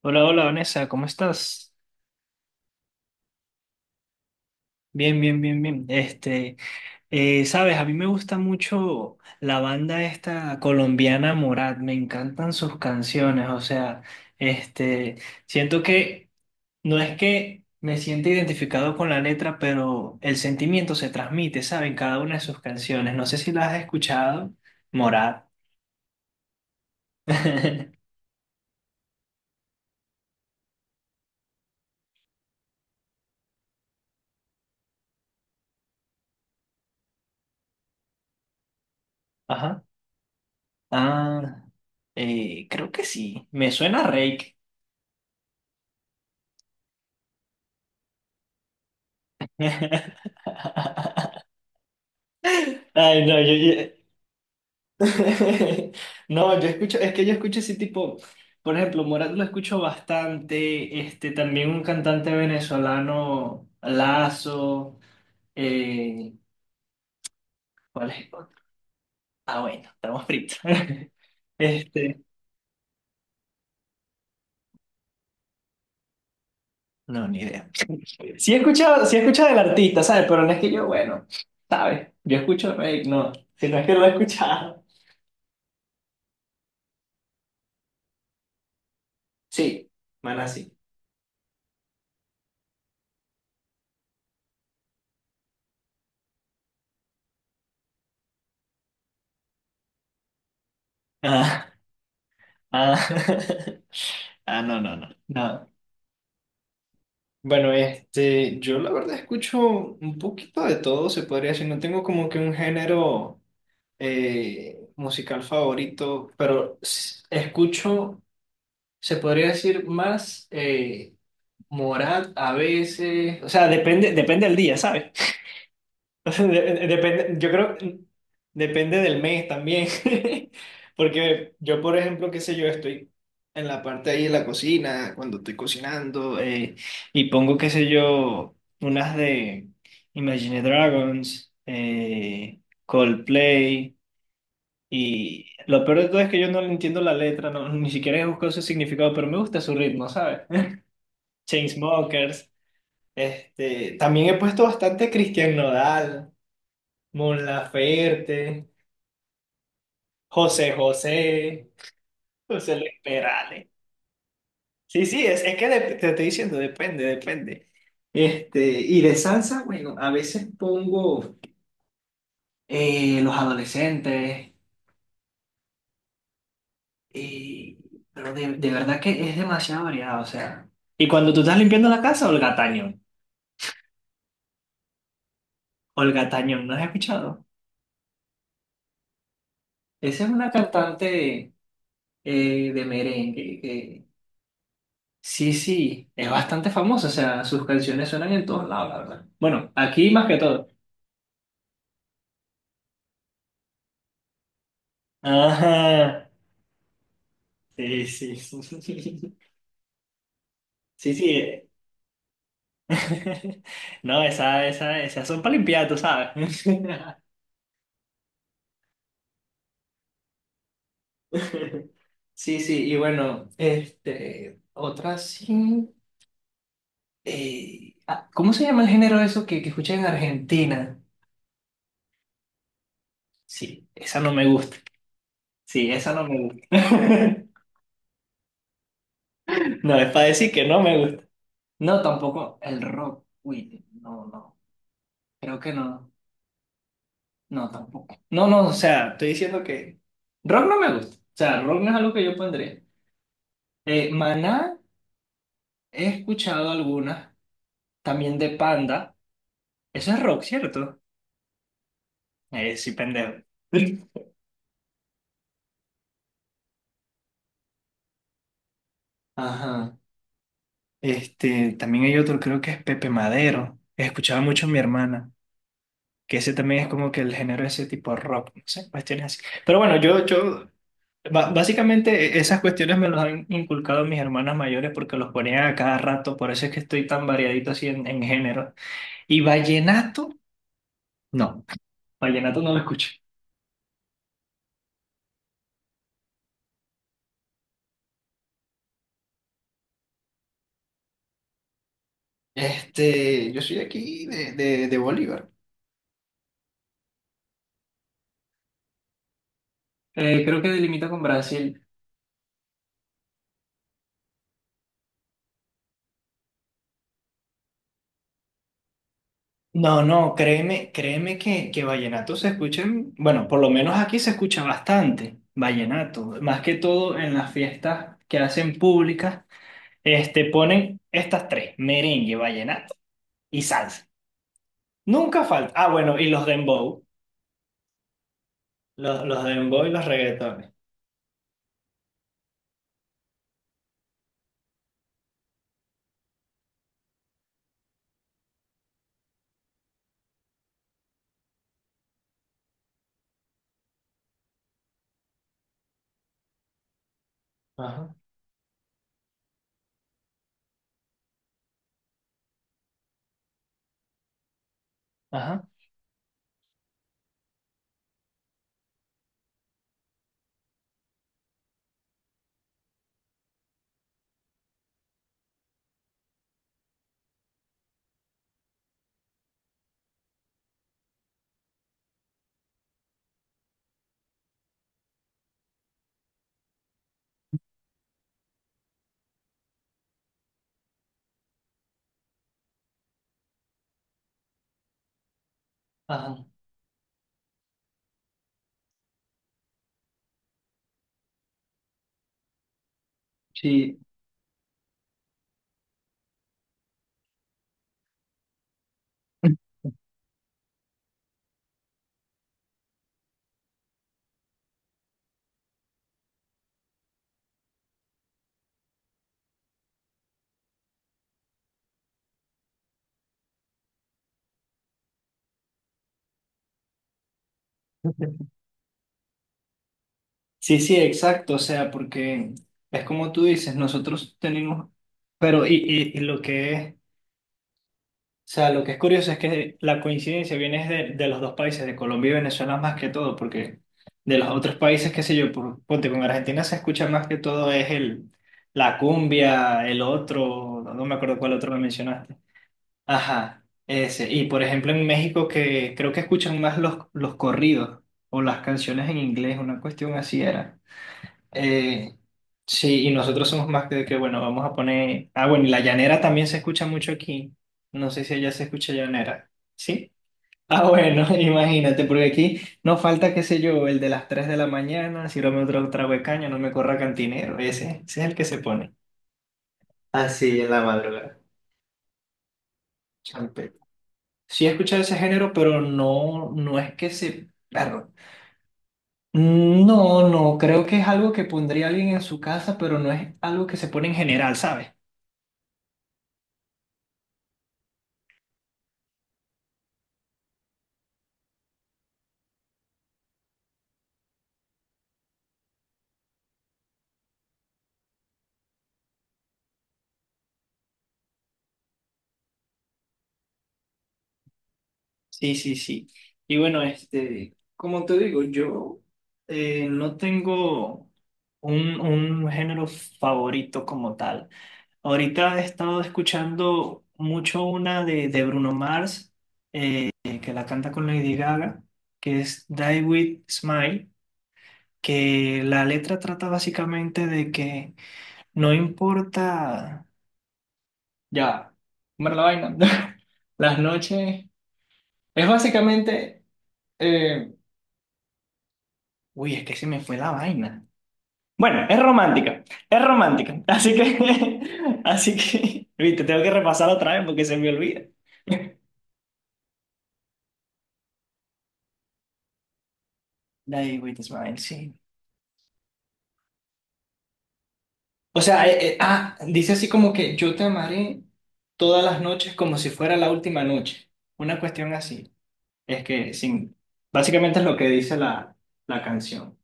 Hola, hola Vanessa, ¿cómo estás? Bien, bien, bien, bien. Sabes, a mí me gusta mucho la banda esta colombiana Morat, me encantan sus canciones, o sea, este, siento que no es que me sienta identificado con la letra, pero el sentimiento se transmite, ¿sabes? En cada una de sus canciones. No sé si la has escuchado, Morat. Ajá. Ah, Creo que sí, me suena a Reik. Ay, no, no, yo escucho, es que yo escucho ese tipo, por ejemplo, Morat lo escucho bastante, también un cantante venezolano, Lazo, eh, ¿cuál es el otro? Ah, bueno, estamos fritos. Este, no, ni idea. Sí he escuchado del artista, ¿sabes? Pero no es que yo, bueno, ¿sabes? Yo escucho, no, si no es que lo he escuchado. Sí, Maná sí. Ah, ah, ah, no, no, no, no. Bueno, yo la verdad escucho un poquito de todo, se podría decir. No tengo como que un género musical favorito, pero escucho, se podría decir más Morat a veces. O sea, depende, depende del día, ¿sabes? Depende, yo creo, depende del mes también, porque yo, por ejemplo, qué sé yo, estoy en la parte ahí de la cocina, cuando estoy cocinando, y pongo, qué sé yo, unas de Imagine Dragons, Coldplay, y lo peor de todo es que yo no le entiendo la letra, no, ni siquiera he buscado su significado, pero me gusta su ritmo, ¿sabes? Chainsmokers, también he puesto bastante Christian Nodal. Mon Laferte, José José, José Luis Perales. Sí, sí, es que te estoy diciendo, depende, depende. Y de salsa, bueno, a veces pongo los adolescentes, y- pero de verdad que es demasiado variado, o sea. Y cuando tú estás limpiando la casa, Olga Tañón. Olga Tañón, ¿no has escuchado? Esa es una cantante de merengue. Sí, sí, es bastante famoso, o sea, sus canciones suenan en todos lados, la verdad. Bueno, aquí más que todo. Ajá, sí, sí. Sí, sí. No, esa, esas son para limpiar, tú sabes. Sí, sí, y bueno, otra sí. ¿Cómo se llama el género eso que escuchan en Argentina? Sí, esa no me gusta. Sí, esa no me gusta. No, es para decir que no me gusta. No, tampoco el rock. Uy, no, no. Creo que no. No, tampoco. No, no, o sea, estoy diciendo que rock no me gusta. O sea, rock no es algo que yo pondría. Maná, he escuchado algunas. También de Panda. Eso es rock, ¿cierto? Sí, pendejo. Ajá. También hay otro, creo que es Pepe Madero. Escuchaba mucho a mi hermana. Que ese también es como que el género de ese tipo de rock, no sé, cuestiones así. Pero bueno, básicamente esas cuestiones me las han inculcado mis hermanas mayores porque los ponían a cada rato, por eso es que estoy tan variadito así en género. Y no, vallenato no lo escucho. Yo soy de aquí, de Bolívar. Creo que delimita con Brasil. No, no, créeme, créeme que vallenato se escucha, bueno, por lo menos aquí se escucha bastante vallenato, más que todo en las fiestas que hacen públicas, ponen estas tres, merengue, vallenato y salsa. Nunca falta. Ah, bueno, y los dembow, los dembow y los reggaetones. Ajá, ajá, ajá. Sí. Sí, sí, exacto, o sea, porque es como tú dices, nosotros tenemos, pero y lo que es sea, lo que es curioso es que la coincidencia viene es de los dos países, de Colombia y Venezuela más que todo, porque de los otros países, qué sé yo, ponte con Argentina se escucha más que todo es la cumbia, el otro, no me acuerdo cuál otro me mencionaste. Ajá, ese. Y por ejemplo en México que creo que escuchan más los corridos o las canciones en inglés, una cuestión así era. Eh, sí, y nosotros somos más de que, bueno, vamos a poner... Ah, bueno, y la llanera también se escucha mucho aquí. No sé si allá se escucha llanera. ¿Sí? Ah, bueno, imagínate, porque aquí no falta, qué sé yo, el de las 3 de la mañana, sírvame otro trago de caña, no me corra cantinero. Ese es el que se pone. Así en la madrugada. Champeta. Sí he escuchado ese género, pero no, no es que se... perro no, no, creo que es algo que pondría alguien en su casa, pero no es algo que se pone en general, ¿sabes? Sí, sí, sí. Y bueno, como te digo, yo no tengo un género favorito como tal. Ahorita he estado escuchando mucho una de Bruno Mars, que la canta con Lady Gaga, que es Die With Smile, que la letra trata básicamente de que no importa ya, comer la vaina, las noches, es básicamente... eh, uy, es que se me fue la vaina. Bueno, es romántica, es romántica. Así que, así que, viste, tengo que repasarla otra vez porque se me olvida. La de Wait a Smile, sí. O sea, dice así como que yo te amaré todas las noches como si fuera la última noche. Una cuestión así. Es que, sin, básicamente es lo que dice la canción.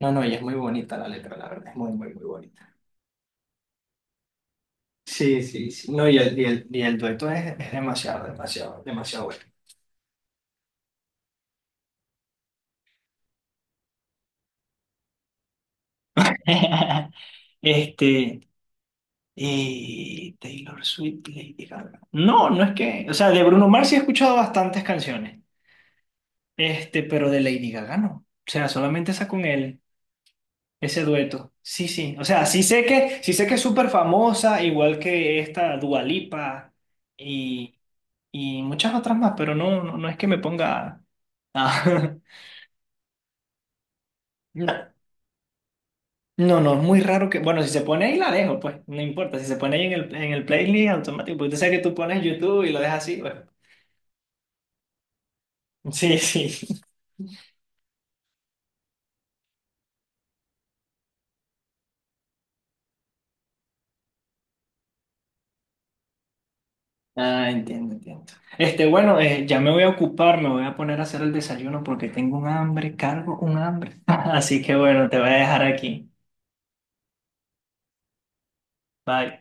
No, no, y es muy bonita la letra, la verdad, es muy, muy, muy bonita. Sí, sí, sí. No, y el dueto es demasiado, demasiado, demasiado bueno. Este, y Taylor Swift, Lady Gaga. No, no es que, o sea, de Bruno Mars sí he escuchado bastantes canciones, pero de Lady Gaga no. O sea, solamente esa con él, ese dueto. Sí, sí. O sea, sí sé que es súper famosa, igual que esta Dua Lipa y, y muchas otras más, pero no, no, no es que me ponga a, No. No, no, es muy raro que. Bueno, si se pone ahí, la dejo, pues. No importa. Si se pone ahí en el playlist automático, porque tú sabes que tú pones YouTube y lo dejas así, pues. Sí, sí. Ah, entiendo, entiendo. Bueno, ya me voy a ocupar, me voy a poner a hacer el desayuno porque tengo un hambre, cargo un hambre. Así que bueno, te voy a dejar aquí. Bye.